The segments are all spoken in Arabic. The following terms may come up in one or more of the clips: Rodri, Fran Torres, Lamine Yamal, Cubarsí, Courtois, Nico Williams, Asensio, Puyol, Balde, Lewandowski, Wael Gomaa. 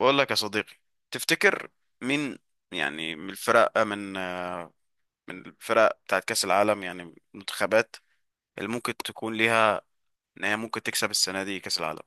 بقول لك يا صديقي، تفتكر مين؟ يعني من الفرق من الفرق بتاعت كأس العالم، يعني المنتخبات اللي ممكن تكون ليها، ان هي ممكن تكسب السنة دي كأس العالم؟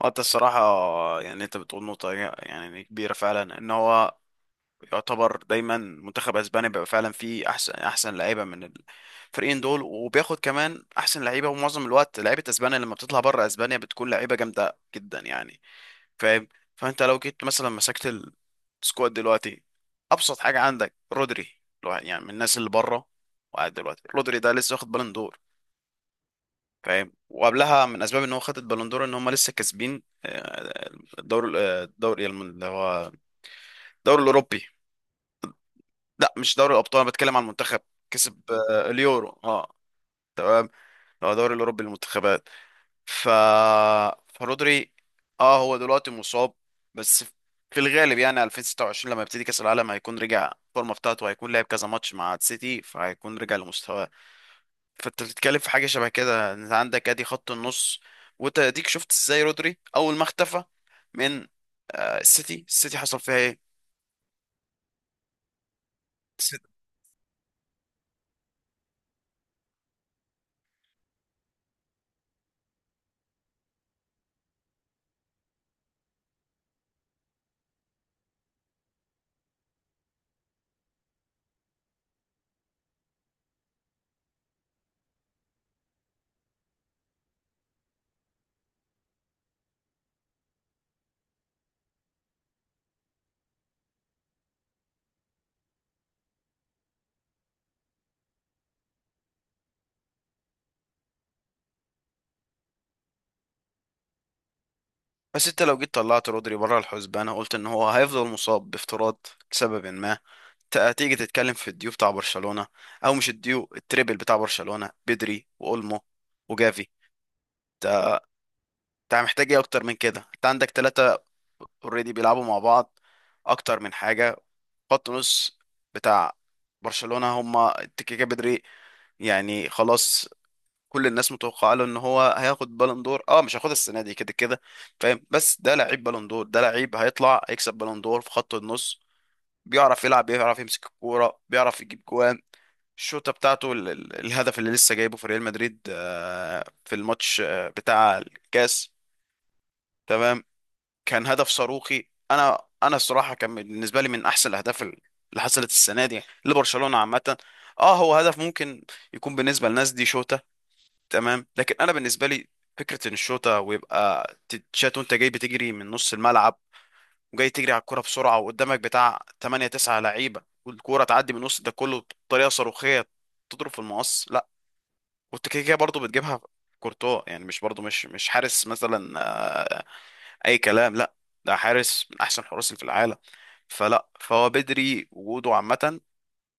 وانت الصراحة يعني انت بتقول نقطة يعني كبيرة فعلا ان هو يعتبر دايما منتخب اسبانيا بيبقى فعلا فيه احسن لعيبة من الفريقين دول، وبياخد كمان احسن لعيبة، ومعظم الوقت لعيبة اسبانيا لما بتطلع بره اسبانيا بتكون لعيبة جامدة جدا يعني. فاهم؟ فانت لو جيت مثلا مسكت السكواد دلوقتي، ابسط حاجه عندك رودري. يعني من الناس اللي بره وقاعد دلوقتي. رودري ده لسه واخد بالون دور. فاهم؟ وقبلها من اسباب ان هو خد البالون دور ان هم لسه كاسبين الدوري، الدوري اللي هو الدوري الاوروبي. لا، مش دوري الابطال، انا بتكلم عن المنتخب. كسب اليورو، اه، اللي هو دوري الاوروبي للمنتخبات. ف فرودري، اه، هو دلوقتي مصاب بس. في الغالب يعني 2026 لما يبتدي كأس العالم هيكون رجع الفورمه بتاعته، هيكون لعب كذا ماتش مع السيتي فهيكون رجع لمستواه. فانت بتتكلم في حاجه شبه كده. انت عندك ادي خط النص، وانت اديك شفت ازاي رودري اول ما اختفى من السيتي. حصل فيها ايه؟ بس بس انت لو جيت طلعت رودري بره الحسبان، أنا قلت ان هو هيفضل مصاب بافتراض لسبب ما. هتيجي تتكلم في الديو بتاع برشلونة، او مش الديو، التريبل بتاع برشلونة: بدري واولمو وجافي. انت محتاج ايه اكتر من كده؟ انت عندك ثلاثة اوريدي بيلعبوا مع بعض، اكتر من حاجة. خط نص بتاع برشلونة، هما التكيكا، بدري. يعني خلاص، كل الناس متوقعه له ان هو هياخد بالون دور. اه، مش هياخدها السنه دي، كده كده. فاهم؟ بس ده لعيب بالون دور، ده لعيب هيطلع هيكسب بالون دور في خط النص. بيعرف يلعب، بيعرف يمسك الكوره، بيعرف يجيب جوان. الشوطه بتاعته، الهدف اللي لسه جايبه في ريال مدريد في الماتش بتاع الكاس، تمام؟ كان هدف صاروخي. انا الصراحه كان بالنسبه لي من احسن الاهداف اللي حصلت السنه دي لبرشلونه عامه. اه، هو هدف ممكن يكون بالنسبه للناس دي شوطه، تمام، لكن انا بالنسبه لي فكره ان الشوطه ويبقى تتشات وانت جاي بتجري من نص الملعب، وجاي تجري على الكرة بسرعة وقدامك بتاع 8 9 لعيبة، والكورة تعدي من وسط ده كله بطريقة صاروخية تضرب في المقص، لا. كنت كده كده برضه بتجيبها كورتوا، يعني مش برضه مش حارس مثلا اي كلام، لا. ده حارس من احسن الحراس اللي في العالم. فلا، فهو بدري وجوده عامه،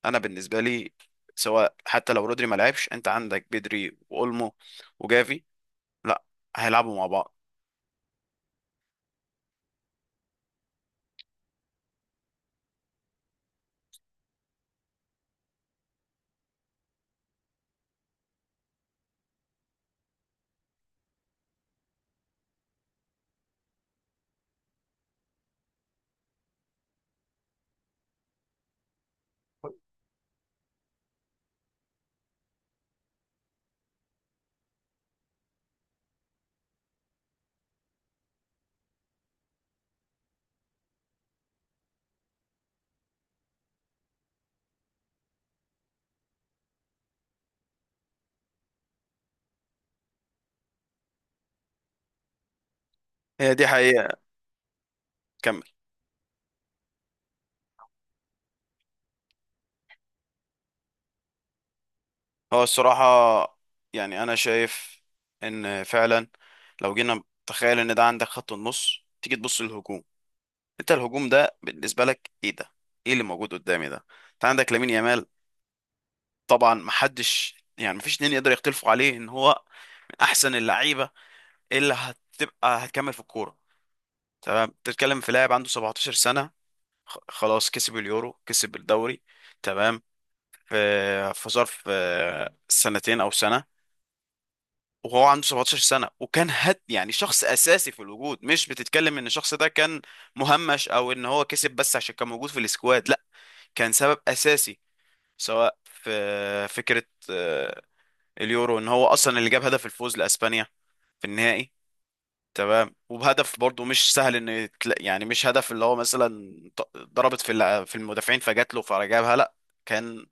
انا بالنسبه لي، سواء حتى لو رودري ما لعبش، انت عندك بدري واولمو وجافي، لا هيلعبوا مع بعض. هي دي حقيقه. كمل. هو الصراحه يعني انا شايف ان فعلا لو جينا تخيل ان ده عندك خط النص، تيجي تبص للهجوم. انت الهجوم ده بالنسبه لك ايه ده؟ ايه اللي موجود قدامي ده؟ انت عندك لامين يامال. طبعا محدش، يعني مفيش اتنين يقدر يختلفوا عليه ان هو من احسن اللعيبه اللي هتبقى هتكمل في الكوره، تمام. بتتكلم في لاعب عنده 17 سنه، خلاص كسب اليورو، كسب الدوري، تمام. في في ظرف سنتين او سنه، وهو عنده 17 سنه وكان هد، يعني شخص اساسي في الوجود. مش بتتكلم ان الشخص ده كان مهمش او ان هو كسب بس عشان كان موجود في السكواد، لا. كان سبب اساسي، سواء في فكرة آه، اليورو، ان هو اصلا اللي جاب هدف الفوز لاسبانيا في النهائي، تمام. وبهدف برضه مش سهل، ان يعني مش هدف اللي هو مثلا ضربت في في المدافعين فجات له فجابها، لا. كان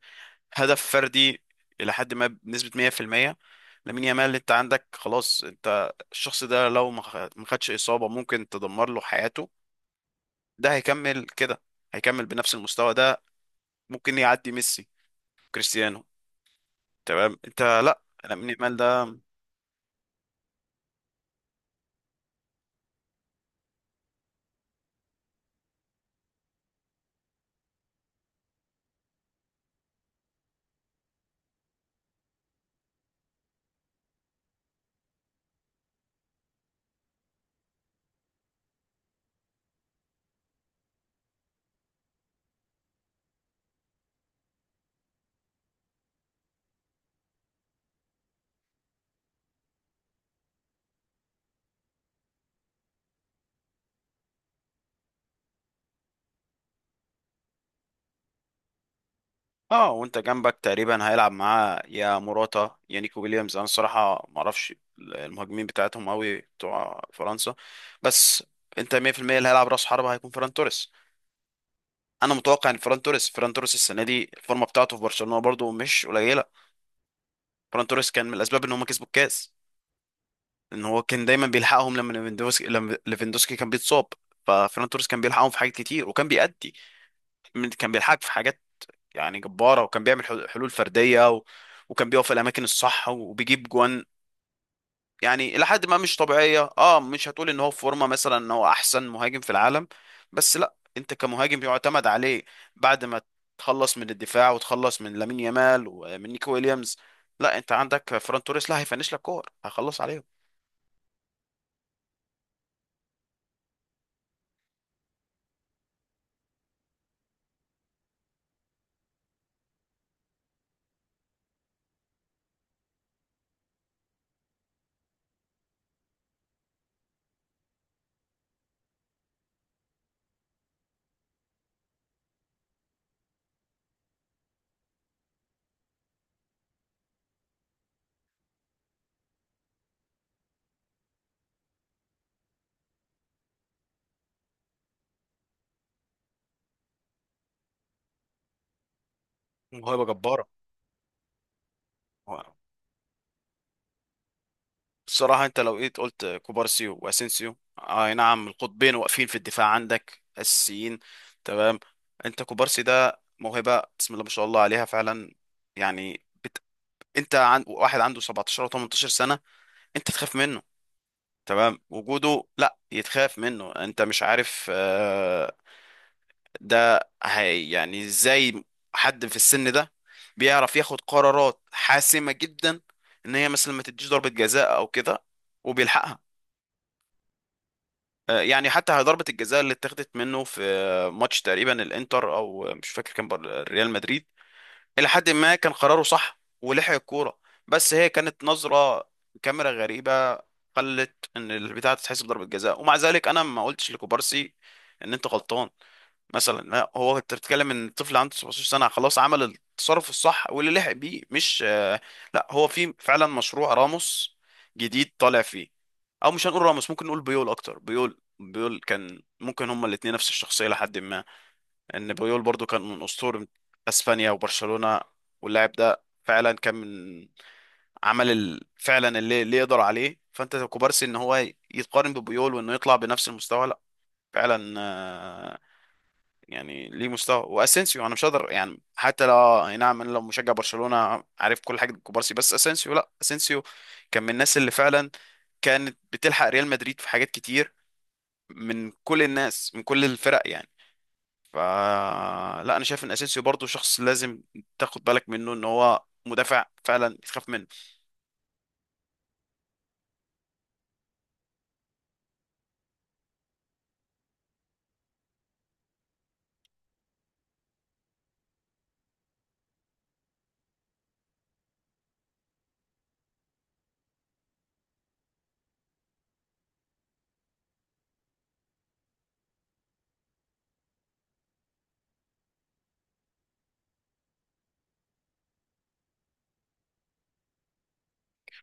هدف فردي الى حد ما بنسبة 100%. لامين يامال انت عندك خلاص، انت الشخص ده لو ما خدش اصابة ممكن تدمر له حياته. ده هيكمل كده، هيكمل بنفس المستوى ده، ممكن يعدي ميسي، كريستيانو، تمام. انت، لا، انا من ايمال ده. اه، وانت جنبك تقريبا هيلعب معاه يا موراتا يا نيكو ويليامز. انا الصراحه ما اعرفش المهاجمين بتاعتهم قوي بتوع فرنسا، بس انت 100% اللي هيلعب راس حربة هيكون فران توريس. انا متوقع ان فران توريس السنه دي الفورمه بتاعته في برشلونه برضو مش قليله. فران توريس كان من الاسباب ان هم كسبوا الكاس، ان هو كان دايما بيلحقهم لما ليفاندوسكي كان بيتصاب، ففران توريس كان بيلحقهم في حاجات كتير وكان بيأدي، كان بيلحقك في حاجات يعني جبارة، وكان بيعمل حلول فردية وكان بيقف في الأماكن الصح وبيجيب جوان، يعني إلى حد ما مش طبيعية. اه، مش هتقول إن هو في فورمة مثلا، إن هو أحسن مهاجم في العالم، بس لا، أنت كمهاجم يعتمد عليه بعد ما تخلص من الدفاع وتخلص من لامين يامال ومن نيكو ويليامز، لا، أنت عندك فران توريس، لا هيفنش لك كور هيخلص عليهم. موهبة جبارة. بصراحة انت لو جيت قلت كوبارسيو واسينسيو، اي نعم، القطبين واقفين في الدفاع عندك اساسيين، تمام. انت كوبارسي ده موهبة بسم الله ما شاء الله عليها فعلا. يعني انت واحد عنده 17 او 18 سنة، انت تخاف منه، تمام. وجوده لا يتخاف منه. انت مش عارف ده هي يعني ازاي حد في السن ده بيعرف ياخد قرارات حاسمة جدا، ان هي مثلا ما تديش ضربة جزاء او كده وبيلحقها. يعني حتى ضربة الجزاء اللي اتاخدت منه في ماتش تقريبا الانتر، او مش فاكر، كان ريال مدريد، الى حد ما كان قراره صح ولحق الكورة، بس هي كانت نظرة كاميرا غريبة خلت ان البتاعة تتحسب ضربة جزاء، ومع ذلك انا ما قلتش لكوبارسي ان انت غلطان مثلا، لا. هو انت بتتكلم ان الطفل عنده 17 سنه، خلاص عمل التصرف الصح واللي لحق بيه مش لا، هو في فعلا مشروع راموس جديد طالع فيه. او مش هنقول راموس، ممكن نقول بيول اكتر. بيول كان ممكن، هما الاتنين نفس الشخصيه لحد ما، ان بيول برضو كان من اسطوره اسبانيا وبرشلونه. واللاعب ده فعلا كان من، عمل فعلا اللي يقدر عليه. فانت كوبارسي ان هو يتقارن ببيول وانه يطلع بنفس المستوى، لا فعلا، يعني ليه مستوى. واسينسيو انا مش هقدر، يعني حتى لو اي نعم، انا لو مشجع برشلونة عارف كل حاجة كوبارسي، بس اسينسيو، لا، اسينسيو كان من الناس اللي فعلا كانت بتلحق ريال مدريد في حاجات كتير، من كل الناس من كل الفرق يعني. ف لا، انا شايف ان اسينسيو برضو شخص لازم تاخد بالك منه، ان هو مدافع فعلا تخاف منه.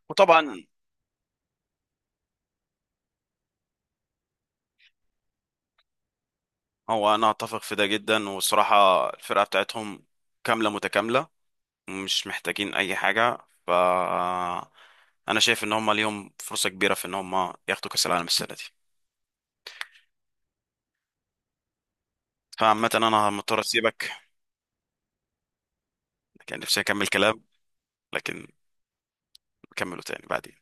وطبعا، هو انا اتفق في ده جدا، والصراحة الفرقة بتاعتهم كاملة متكاملة، مش محتاجين اي حاجه، ف انا شايف ان هم ليهم فرصه كبيره في ان هم ياخدوا كاس العالم السنه دي. فعامه انا مضطر اسيبك، كان نفسي اكمل كلام، لكن نكمله تاني بعدين.